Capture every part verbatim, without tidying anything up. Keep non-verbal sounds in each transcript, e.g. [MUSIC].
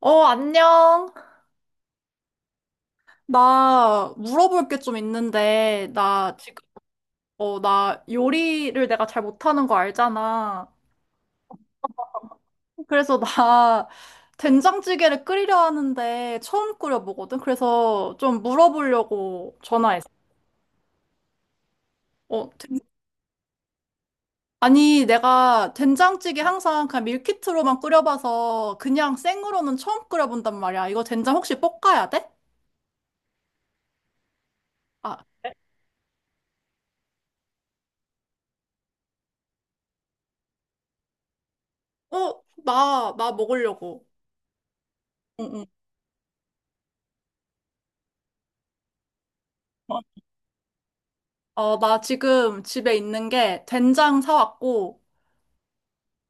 어, 안녕. 나 물어볼 게 좀 있는데, 나 지금, 어, 나 요리를 내가 잘 못하는 거 알잖아. 그래서 나 [LAUGHS] 된장찌개를 끓이려 하는데 처음 끓여보거든. 그래서 좀 물어보려고 전화했어. 어, 된- 아니, 내가 된장찌개 항상 그냥 밀키트로만 끓여봐서 그냥 생으로는 처음 끓여본단 말이야. 이거 된장 혹시 볶아야 돼? 아, 어, 나, 나 먹으려고. 응, 응. 어, 나 지금 집에 있는 게 된장 사왔고,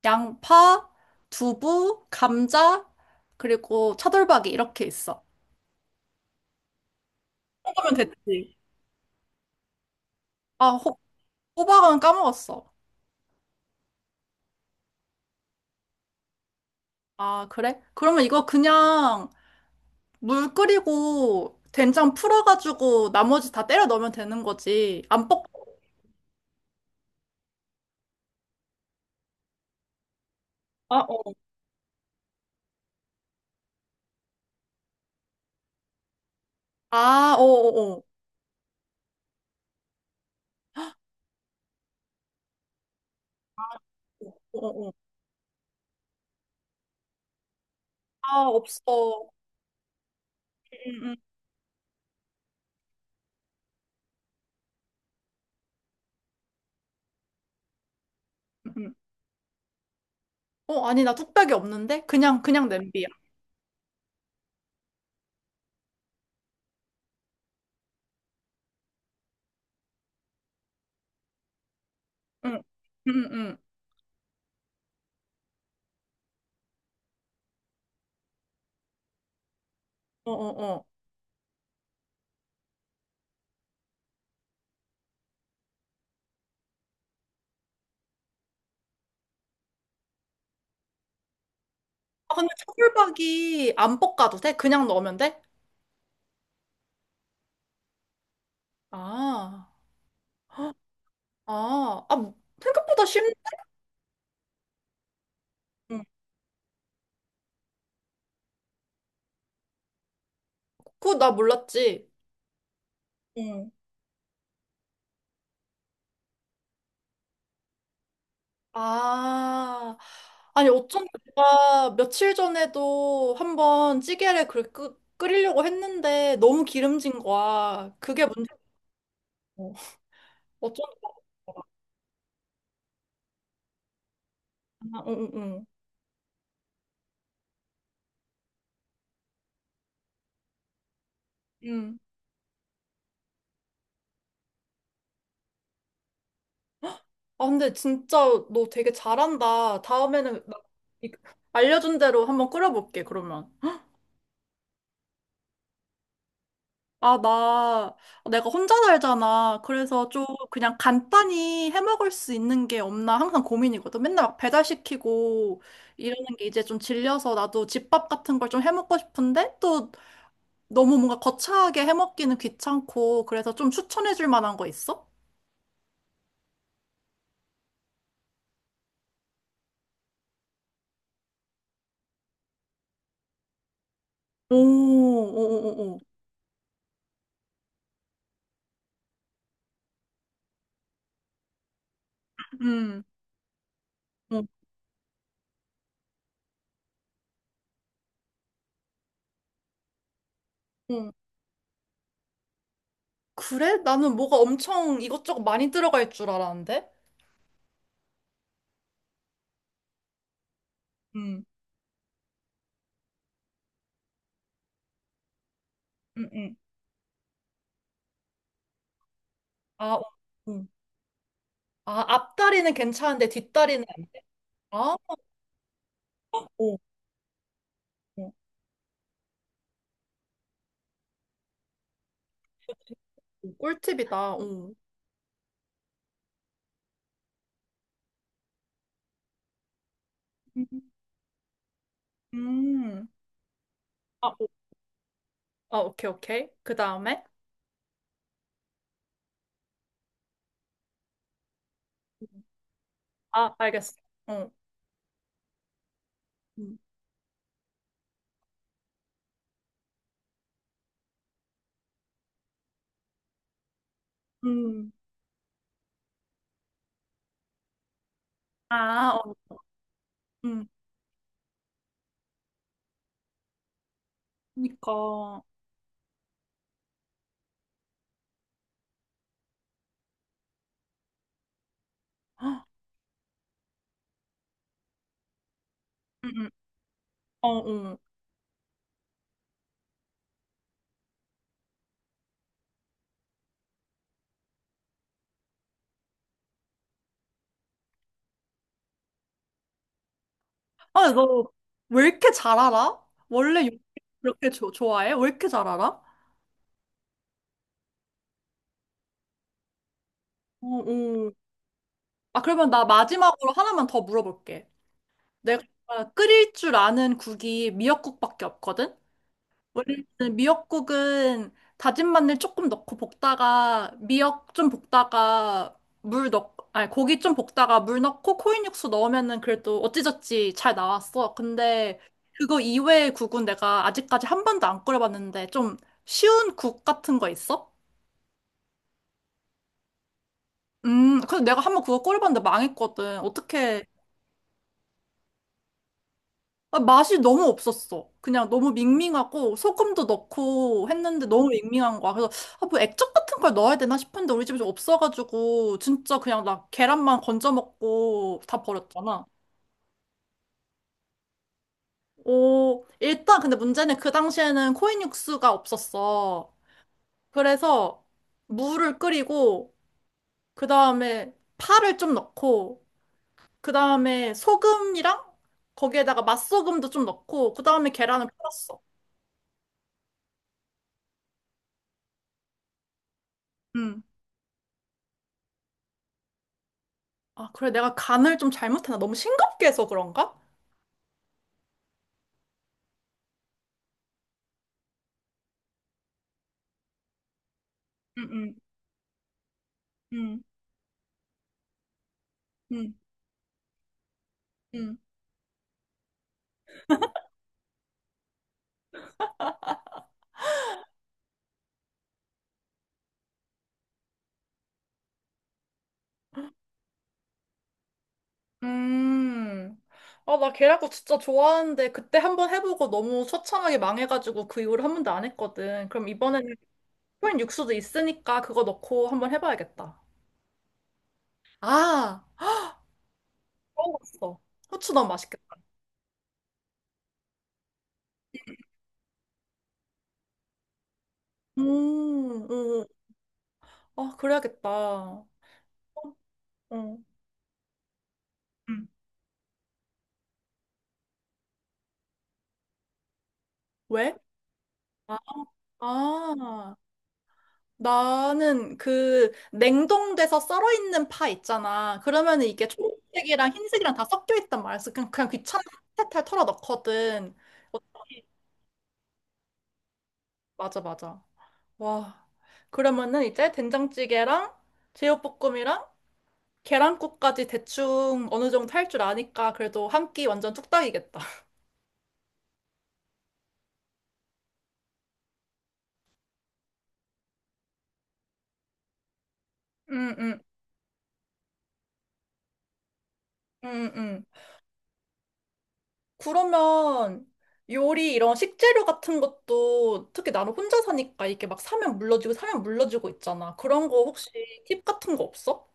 양파, 두부, 감자, 그리고 차돌박이 이렇게 있어. 그러면 됐지. 아, 호, 호박은 까먹었어. 아, 그래? 그러면 이거 그냥 물 끓이고 된장 풀어가지고 나머지 다 때려 넣으면 되는 거지. 안 볶. 아, 어. 아, 어어어. 어어어. 아, 없어. 음, 음, 음. 음. 어, 아니, 나 뚝배기 없는데? 그냥, 그냥 냄비야. 응, 응, 응. 어어어. 아, 근데 차돌박이 안 볶아도 돼? 그냥 넣으면 돼? 아, 헉, 아, 아, 뭐, 생각보다 쉽네. 응. 그거 나 몰랐지. 응. 아, 아니, 어쩐지 내가 며칠 전에도 한번 찌개를 그 끄, 끓이려고 했는데 너무 기름진 거야. 그게 문제고. 어쩐지. 아, 응, 응, 응. 응. 아, 근데 진짜 너 되게 잘한다. 다음에는 나 이- 알려준 대로 한번 끓여볼게, 그러면. 아, 나, 내가 혼자 살잖아. 그래서 좀 그냥 간단히 해 먹을 수 있는 게 없나 항상 고민이거든. 맨날 막 배달시키고 이러는 게 이제 좀 질려서 나도 집밥 같은 걸 좀 해 먹고 싶은데 또 너무 뭔가 거창하게 해 먹기는 귀찮고 그래서 좀 추천해 줄 만한 거 있어? 오, 오, 오, 오. 음, 음, 음. 그래? 나는 뭐가 엄청 이것저것 많이 들어갈 줄 알았는데? 음, 음, 음. 아, 어, 음. 아, 앞다리는 괜찮은데 뒷다리는. 아, 오, 오, 오, 꿀팁이다. 오. 음, 음. 아, 오. 아, 오케이, 오케이. 그 다음에? 아, 알겠어. 어. 음, 음. 아, 어, 음. 그러니까. 헉, 음, 음. 어, 어. 아, 너 왜 이렇게 잘 알아? 원래 요리 그렇게 조- 좋아해? 왜 이렇게 잘 알아? 어, 어. 아, 그러면 나 마지막으로 하나만 더 물어볼게. 내가 끓일 줄 아는 국이 미역국밖에 없거든? 원래는 미역국은 다진 마늘 조금 넣고 볶다가 미역 좀 볶다가 물 넣, 아니, 고기 좀 볶다가 물 넣고 코인 육수 넣으면은 그래도 어찌저찌 잘 나왔어. 근데 그거 이외의 국은 내가 아직까지 한 번도 안 끓여봤는데 좀 쉬운 국 같은 거 있어? 음, 그래서 내가 한 번 그거 끓여봤는데 망했거든. 어떻게. 아, 맛이 너무 없었어. 그냥 너무 밍밍하고 소금도 넣고 했는데 너무 밍밍한 거야. 그래서. 아, 뭐 액젓 같은 걸 넣어야 되나 싶은데 우리 집에 없어가지고 진짜 그냥 나 계란만 건져 먹고 다 버렸잖아. 오, 일단 근데 문제는 그 당시에는 코인 육수가 없었어. 그래서 물을 끓이고 그 다음에 파를 좀 넣고 그 다음에 소금이랑 거기에다가 맛소금도 좀 넣고 그 다음에 계란을 풀었어. 아, 그래. 내가 간을 좀 잘못하나? 너무 싱겁게 해서 그런가? 음, 음, 음, 음, 음. 음. 아, 나 계란국 진짜 좋아하는데 그때 한번 해보고 너무 처참하게 망해가지고 그 이후로 한 번도 안 했거든. 그럼 이번에는 코인 육수도 있으니까 그거 넣고 한번 해봐야겠다. 아, 먹었어. 후추 넣으면 맛있겠다. 음, 음. 음. 아, 그래야겠다. 어. 음. 왜? 아, 아. 나는 그 냉동돼서 썰어 있는 파 있잖아. 그러면 이게 초록색이랑 흰색이랑 다 섞여 있단 말이야. 그래서 그냥, 그냥 귀찮아 탈탈 털어 넣거든. 어, 맞아, 맞아. 와. 그러면은 이제 된장찌개랑 제육볶음이랑 계란국까지 대충 어느 정도 할 줄 아니까 그래도 한 끼 완전 뚝딱이겠다. 응, 응, 응, 응. 그러면 요리 이런 식재료 같은 것도 특히 나는 혼자 사니까 이게 막 사면 물러지고 사면 물러지고 있잖아. 그런 거 혹시 팁 같은 거 없어?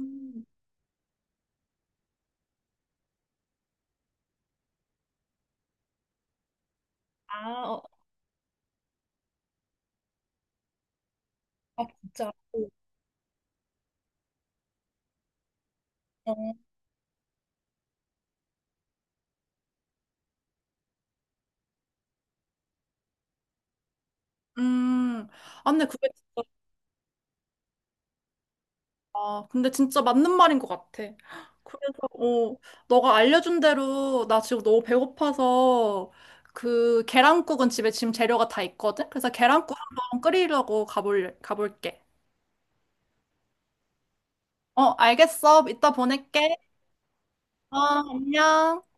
음. 아, 어, 아 진짜. 어. 음, 아, 근데 그게 진짜. 아, 근데 진짜 맞는 말인 것 같아. 그래서, 어, 너가 알려준 대로 나 지금 너무 배고파서 그 계란국은 집에 지금 재료가 다 있거든? 그래서 계란국 한번 끓이려고 가볼, 가볼게. 어, 알겠어. 이따 보낼게. 어, 안녕.